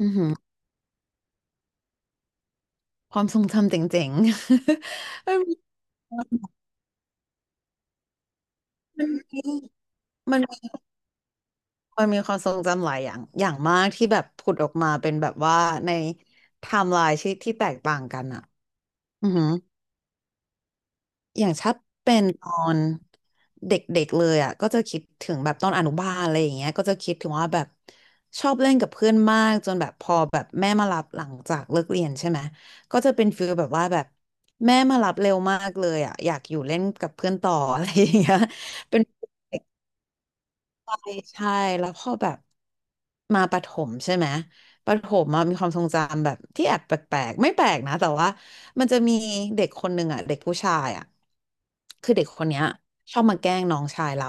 อือหือความทรงจำเจ๋งๆ มันมันมีมันมีมันมีความทรงจำหลายอย่างอย่างมากที่แบบผุดออกมาเป็นแบบว่าในไทม์ไลน์ที่แตกต่างกันอ่ะอือหือ อย่างถ้าเป็นตอนเด็กๆเลยอ่ะก็จะคิดถึงแบบตอนอนุบาลอะไรอย่างเงี้ยก็จะคิดถึงว่าแบบชอบเล่นกับเพื่อนมากจนแบบพอแบบแม่มารับหลังจากเลิกเรียนใช่ไหมก็จะเป็นฟีลแบบว่าแบบแม่มารับเร็วมากเลยอ่ะอยากอยู่เล่นกับเพื่อนต่ออะไรอย่างเงี้ยเป็น ใช่แล้วพอแบบมาประถมใช่ไหมประถมอะมีความทรงจำแบบที่แอบแปลกๆไม่แปลกนะแต่ว่ามันจะมีเด็กคนหนึ่งอ่ะเด็กผู้ชายอ่ะคือเด็กคนเนี้ยชอบมาแกล้งน้องชายเรา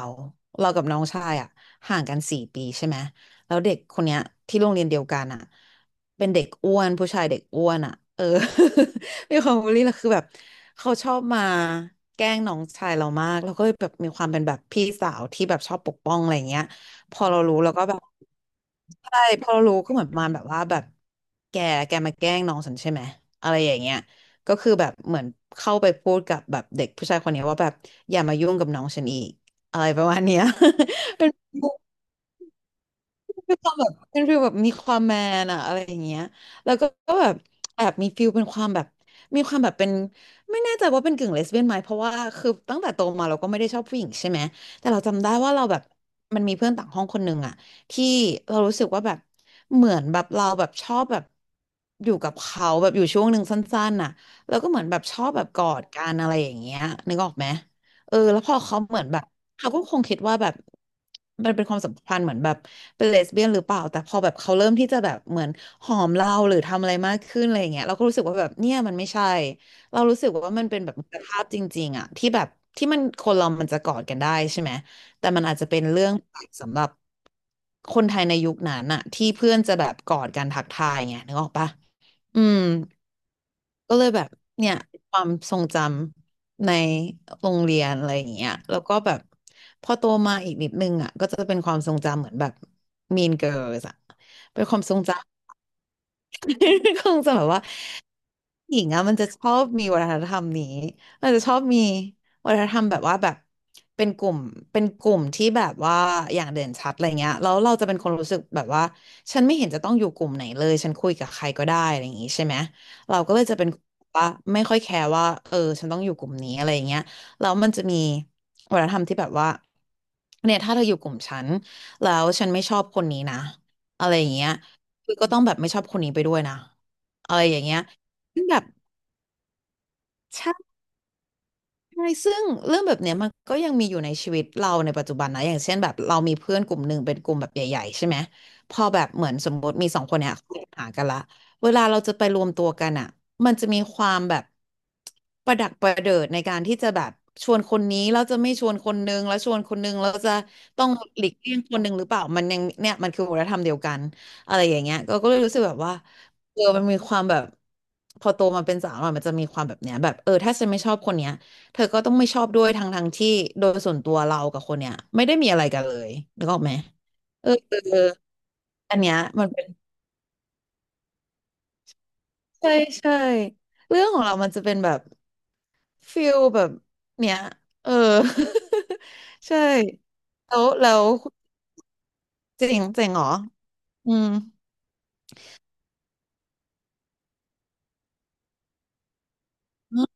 เรากับน้องชายอ่ะห่างกันสี่ปีใช่ไหม แล้วเด็กคนเนี้ยที่โรงเรียนเดียวกันอ่ะเป็นเด็กอ้วนผู้ชายเด็กอ้วนอ่ะเออ มีความบูลลี่แล้วคือแบบเขาชอบมาแกล้งน้องชายเรามากแล้วก็เลยแบบมีความเป็นแบบพี่สาวที่แบบชอบปกป้องอะไรเงี้ยพอเรารู้เราก็แบบใช่พอเรารู้ก็เหมือนประมาณแบบว่าแบบแกแกมาแกล้งน้องฉันใช่ไหมอะไรอย่างเงี้ยก็คือแบบเหมือนเข้าไปพูดกับแบบเด็กผู้ชายคนนี้ว่าแบบอย่ามายุ่งกับน้องฉันอีกอะไรประมาณเนี้ย เป็น เป็นความแบบเป็นฟีลแบบมีความแมนอะอะไรอย่างเงี้ยแล้วก็แบบแอบมีฟีลเป็นความแบบมีความแบบเป็นไม่แน่ใจว่าเป็นกึ่งเลสเบี้ยนไหมเพราะว่าคือตั้งแต่โตมาเราก็ไม่ได้ชอบผู้หญิงใช่ไหมแต่เราจำได้ว่าเราแบบมันมีเพื่อนต่างห้องคนหนึ่งอะที่เรารู้สึกว่าแบบเหมือนแบบเราแบบชอบแบบอยู่กับเขาแบบอยู่ช่วงหนึ่งสั้นๆน่ะแล้วก็เหมือนแบบชอบแบบกอดกันอะไรอย่างเงี้ยนึกออกไหมเออแล้วพอเขาเหมือนแบบเขาก็คงคิดว่าแบบมันเป็นความสัมพันธ์เหมือนแบบ เป็นเลสเบี้ยนหรือเปล่าแต่พอแบบเขาเริ่มที่จะแบบเหมือนหอมเราหรือทำอะไรมากขึ้นอะไรอย่างเงี้ยเราก็รู้สึกว่าแบบเนี่ยมันไม่ใช่เรารู้สึกว่ามันเป็นแบบมิตรภาพจริงๆอะที่แบบที่มันคนเรามันจะกอดกันได้ใช่ไหมแต่มันอาจจะเป็นเรื่องสำหรับคนไทยในยุคนั้นอะที่เพื่อนจะแบบกอดกันทักทายไงนึกออกปะอืม ก็เลยแบบเนี่ยความทรงจำในโรงเรียนอะไรอย่างเงี้ยแล้วก็แบบพอโตมาอีกนิดนึงอ่ะก็จะเป็นความทรงจำเหมือนแบบ Mean Girls อ่ะเป็นความทรงจำ คงจะแบบว่า หญิงอะมันจะชอบมีวัฒนธรรมนี้มันจะชอบมีวัฒนธรรมแบบว่าแบบเป็นกลุ่มเป็นกลุ่มที่แบบว่าอย่างเด่นชัดอะไรเงี้ยแล้วเราจะเป็นคนรู้สึกแบบว่าฉันไม่เห็นจะต้องอยู่กลุ่มไหนเลยฉันคุยกับใครก็ได้อะไรอย่างงี้ใช่ไหมเราก็เลยจะเป็นว่าไม่ค่อยแคร์ว่าเออฉันต้องอยู่กลุ่มนี้อะไรอย่างเงี้ยแล้วมันจะมีวัฒนธรรมที่แบบว่าเนี่ยถ้าเธออยู่กลุ่มฉันแล้วฉันไม่ชอบคนนี้นะอะไรอย่างเงี้ยคือก็ต้องแบบไม่ชอบคนนี้ไปด้วยนะอะไรอย่างเงี้ย ซึ่งแบบใช่ ใช่ซึ่งเรื่องแบบเนี้ยมันก็ยังมีอยู่ในชีวิตเราในปัจจุบันนะอย่างเช่นแบบเรามีเพื่อนกลุ่มหนึ่งเป็นกลุ่มแบบใหญ่ๆใช่ไหม พอแบบเหมือนสมมติมีสองคนเนี้ยเขามีปัญหากันละเวลาเราจะไปรวมตัวกันอ่ะมันจะมีความแบบประดักประเดิดในการที่จะแบบชวนคนนี้แล้วจะไม่ชวนคนนึงแล้วชวนคนนึงเราจะต้องหลีกเลี่ยงคนนึงหรือเปล่ามันยังเนี่ยมันคือวัฒนธรรมเดียวกันอะไรอย่างเงี้ยก็เลยรู้สึกแบบว่าเออมันมีความแบบพอโตมาเป็นสาวอะมันจะมีความแบบเนี้ยแบบเออถ้าฉันไม่ชอบคนเนี้ย เธอก็ต้องไม่ชอบด้วยทั้งที่โดยส่วนตัวเรากับคนเนี้ยไม่ได้มีอะไรกันเลยนึกออกไหมเออเอออันเนี้ยมันเป็นใช่ใช่เรื่องของเรามันจะเป็นแบบฟิลแบบเนี้ยเออ ใช่แล้วแล้วเจ๋งเจ๋งเหรออืมอม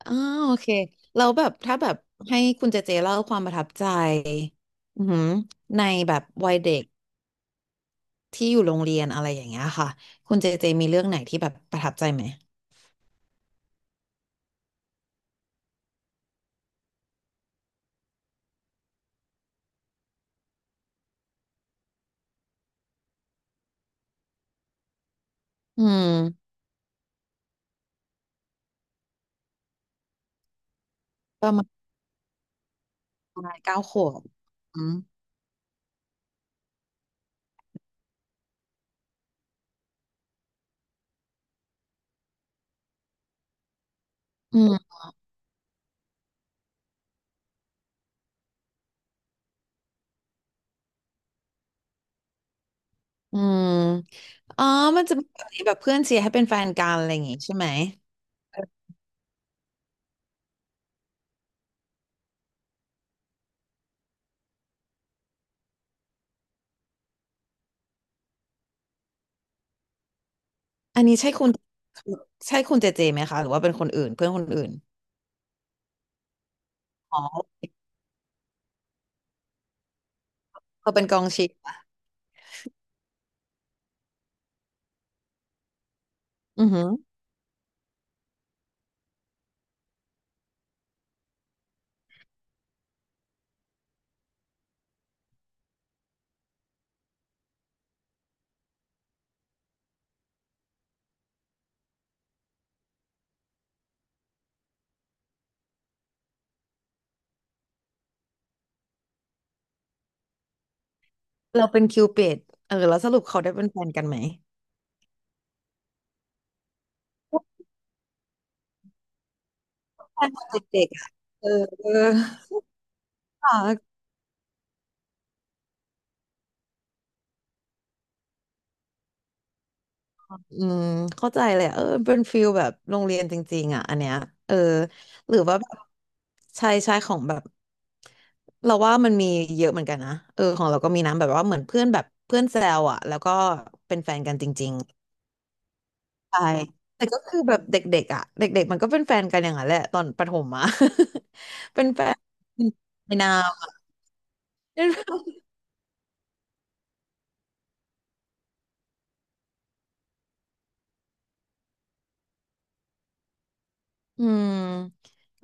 อ่าโอเคแล้วแบบถ้าแบบให้คุณเจเจเล่าความประทับใจอือหือในแบบวัยเด็กที่อยู่โรงเรียนอะไรอย่างเงี้ยค่ะคุณเจเจมีเรื่องไหนที่แบบประทับใจไหม อืมประมาณประมาณ9 ขวบอืมอืมอืมอ๋อมันจะมีแบบนี้แบบเพื่อนเชียร์ให้เป็นแฟนกันอะไรอย่างงี้ใช่ไหมอันนี้ใช่คุณใช่คุณเจเจไหมคะหรือว่าเป็นคนอื่นเพื่อนคนอื่นอ๋อเขาเป็นกองเชียร์อือหือเราเป็นคิวปิดเออแล้วสรุปเขาได้เป็นแฟนกันไหมแฟนตอนเด็กๆอ่ะเออค่ะ อืมเข้าใจเลยอะเออเป็นฟิลแบบโรงเรียนจริงๆอ่ะอันเนี้ยเออหรือว่าแบบใช่ใช่ของแบบเราว่ามันมีเยอะเหมือนกันนะเออของเราก็มีนะแบบว่าเหมือนเพื่อนแบบเพื่อนแซวอ่ะแล้วก็เป็นแฟนกันจริงๆใช่แต่ก็คือแบบเด็กๆอ่ะเด็กๆมันก็เป็นแฟนกันอย่างนั้นแหละตอนประถมอ่ะ เป็นแฟนในนามอะ อืม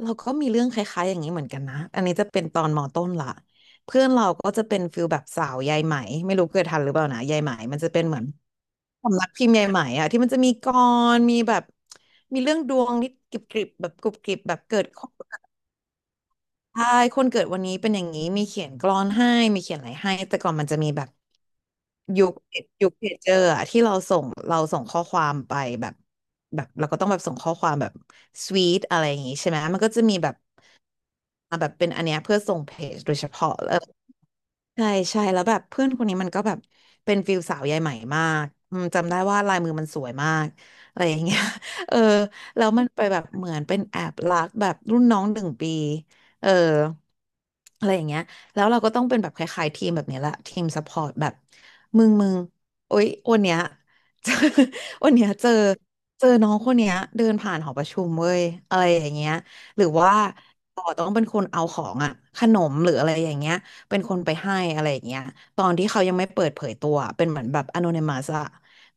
เราก็มีเรื่องคล้ายๆอย่างนี้เหมือนกันนะอันนี้จะเป็นตอนมต้นละเพื่อนเราก็จะเป็นฟิลแบบสาวยายไหมไม่รู้เคยทันหรือเปล่านะยายไหมมันจะเป็นเหมือนสำนักพิมพ์ยายไหมอะที่มันจะมีกลอนมีแบบมีเรื่องดวงนิดกริบๆแบบกรุบกริบแบบเกิด ใช่คนเกิดวันนี้เป็นอย่างนี้มีเขียนกลอนให้มีเขียนอะไรให้ แต่ก่อนมันจะมีแบบยุคยุคเพจเจอร์อะที่เราส่งเราส่งข้อความไปแบบแบบเราก็ต้องแบบส่งข้อความแบบสวีทอะไรอย่างงี้ใช่ไหมมันก็จะมีแบบอ่ะแบบเป็นอันเนี้ยเพื่อส่งเพจโดยเฉพาะ ใช่ใช่แล้วแบบเพื่อนคนนี้มันก็แบบเป็นฟิลสาวยายไหมมากอืมจำได้ว่าลายมือมันสวยมากอะไรอย่างเงี้ย เออแล้วมันไปแบบเหมือนเป็นแอบรักแบบรุ่นน้อง1 ปีเอออะไรอย่างเงี้ยแล้วเราก็ต้องเป็นแบบคล้ายๆทีมแบบเนี้ยแหละทีมซัพพอร์ตแบบมึงโอ๊ยวันเนี้ย เจอ วันเนี้ยเจอเจอน้องคนเนี้ยเดินผ่านหอประชุมเว้ยอะไรอย่างเงี้ยหรือว่าเราต้องเป็นคนเอาของอะขนมหรืออะไรอย่างเงี้ย เป็นคนไปให้อะไรอย่างเงี้ยตอนที่เขายังไม่เปิดเผยตัวเป็นเหมือนแบบ anonymous อะ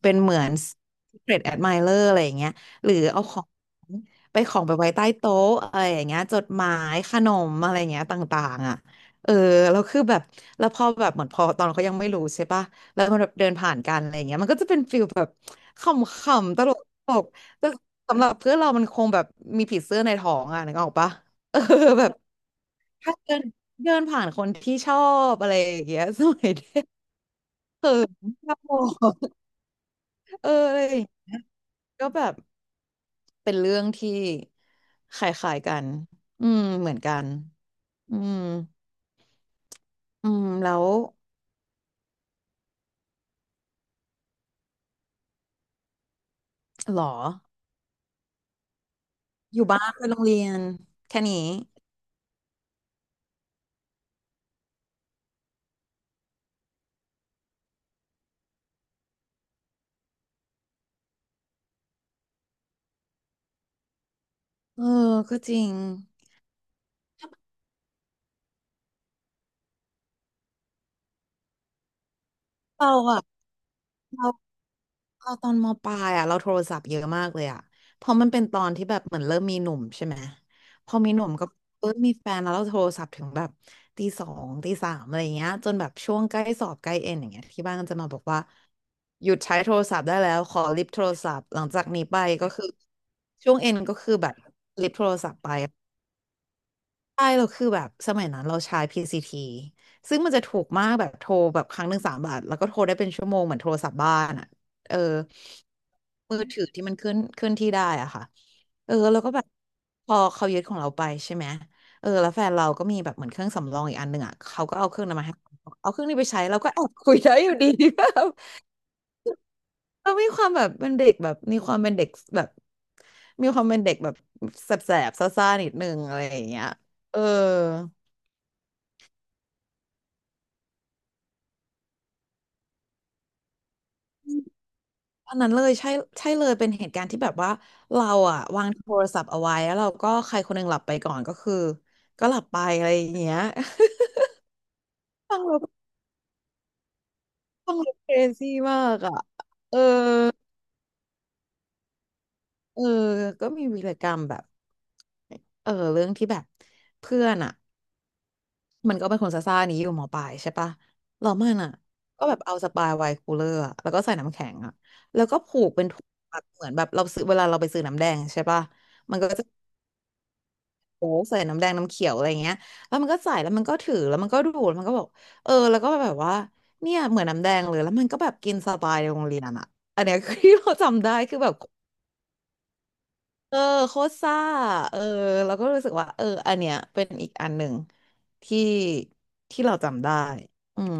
เป็นเหมือน secret admirer อะไรอย่างเงี้ยหรือเอาของไปของไปไว้ใต้โต๊ะอะไรอย่างเงี้ยจดหมายขนมอะไรอย่างเงี้ยต่างๆอ่ะเออแล้วคือแบบแล้วพอแบบเหมือนพอตอนเขายังไม่รู้ใช่ปะแล้วอย่างเงี้ยมันก็จะเป็นฟิลแบบขำๆตลกตลกแต่สำหรับเพื่อนเรามันคงแบบมีผีเสื้อในท้องอ่ะนึกออกปะเออแบบ ถ้าเดินเดินผ่านคนที่ชอบอะไรอย่างเงี้ย สมัยเด็กเขินชอบเอออะไรอย่างเงี้ยก็แบบเป็นเรื่องที่คล้ายๆกันอืมเหมือนกันอืมอืมแล้วหรออยู่บ้านไปโรงเรียนแค่นี้เออก็จริงเราอะเรา เราตอนมปลายอ่ะเราโทรศัพท์เยอะมากเลยอ่ะเพราะมันเป็นตอนที่แบบเหมือนเริ่มมีหนุ่มใช่ไหมพอมีหนุ่มก็เออมีแฟนแล้วเราโทรศัพท์ถึงแบบตี 2 ตี 3อะไรเงี้ยจนแบบช่วงใกล้สอบใกล้เอ็นอย่างเงี้ยที่บ้านก็จะมาบอกว่าหยุดใช้โทรศัพท์ได้แล้วขอลิฟต์โทรศัพท์หลังจากนี้ไปก็คือช่วงเอ็นก็คือแบบลิฟต์โทรศัพท์ไปใช่เราคือแบบสมัยนั้นเราใช้พี c ีทีซึ่งมันจะถูกมากแบบโทรแบบครั้งหนึ่ง3 บาทแล้วก็โทรได้เป็นชั่วโมงเหมือนโทรศัพท์บ้านอ่ะเออ มือถือที่มันเคลื่อนที่ได้อ่ะค่ะเออแล้วก็แบบพอเขายึดของเราไปใช่ไหมเออแล้วแฟนเราก็มีแบบเหมือนเครื่องสำรองอีกอันหนึ่งอ่ะเขาก็เอาเครื่องนั้นมาให้เราเอาเครื่องนี้ไปใช้เราก็ แอบคุยได้อยู่ดี แบบเรามีความแบบเป็นเด็กแบบมีความเป็นเด็กแบบมีความเป็นเด็กแบบแสบๆซ่าๆนิดนึงอะไรอย่างเงี้ยเอออันนั้นเลยใช่ใช่เลยเป็นเหตุการณ์ที่แบบว่าเราอะวางโทรศัพท์เอาไว้แล้วเราก็ใครคนหนึ่งหลับไปก่อนก็คือก็หลับไปอะไรอย่างเงี้ย ฟังเรา ฟังเครซี่มากอ่ะเออก็มีวีรกรรมแบบเออเรื่องที่แบบเพื่อนอ่ะมันก็เป็นคนซ่าๆนี้อยู่หมอปลายใช่ปะเรามันอ่ะก็แบบเอาสปายไวน์คูลเลอร์อะแล้วก็ใส่น้ำแข็งอ่ะแล้วก็ผูกเป็นถุงแบบเหมือนแบบเราซื้อเวลาเราไปซื้อน้ำแดงใช่ปะมันก็จะโอ้ใส่น้ำแดงน้ำเขียวอะไรเงี้ยแล้วมันก็ใส่แล้วมันก็ถือแล้วมันก็ดูดมันก็บอกเออแล้วก็แบบว่าเนี่ยเหมือนน้ำแดงเลยแล้วมันก็แบบกินสปายในโรงเรียนอ่ะอันเนี้ย คือที่เราจำได้คือแบบ เออโคตรซ่าเออเราก็รู้สึกว่าเอออันเนี้ยเป็นอีกอันหนึ่งที่ที่เราจำได้อืม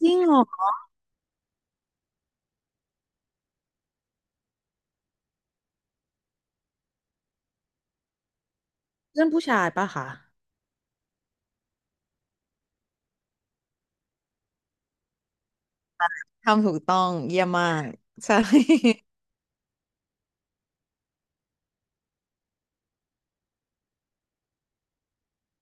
จริงเหรอเพื่อนผู้ชายปะคะทำถูกต้องเยี่ยมมากใช่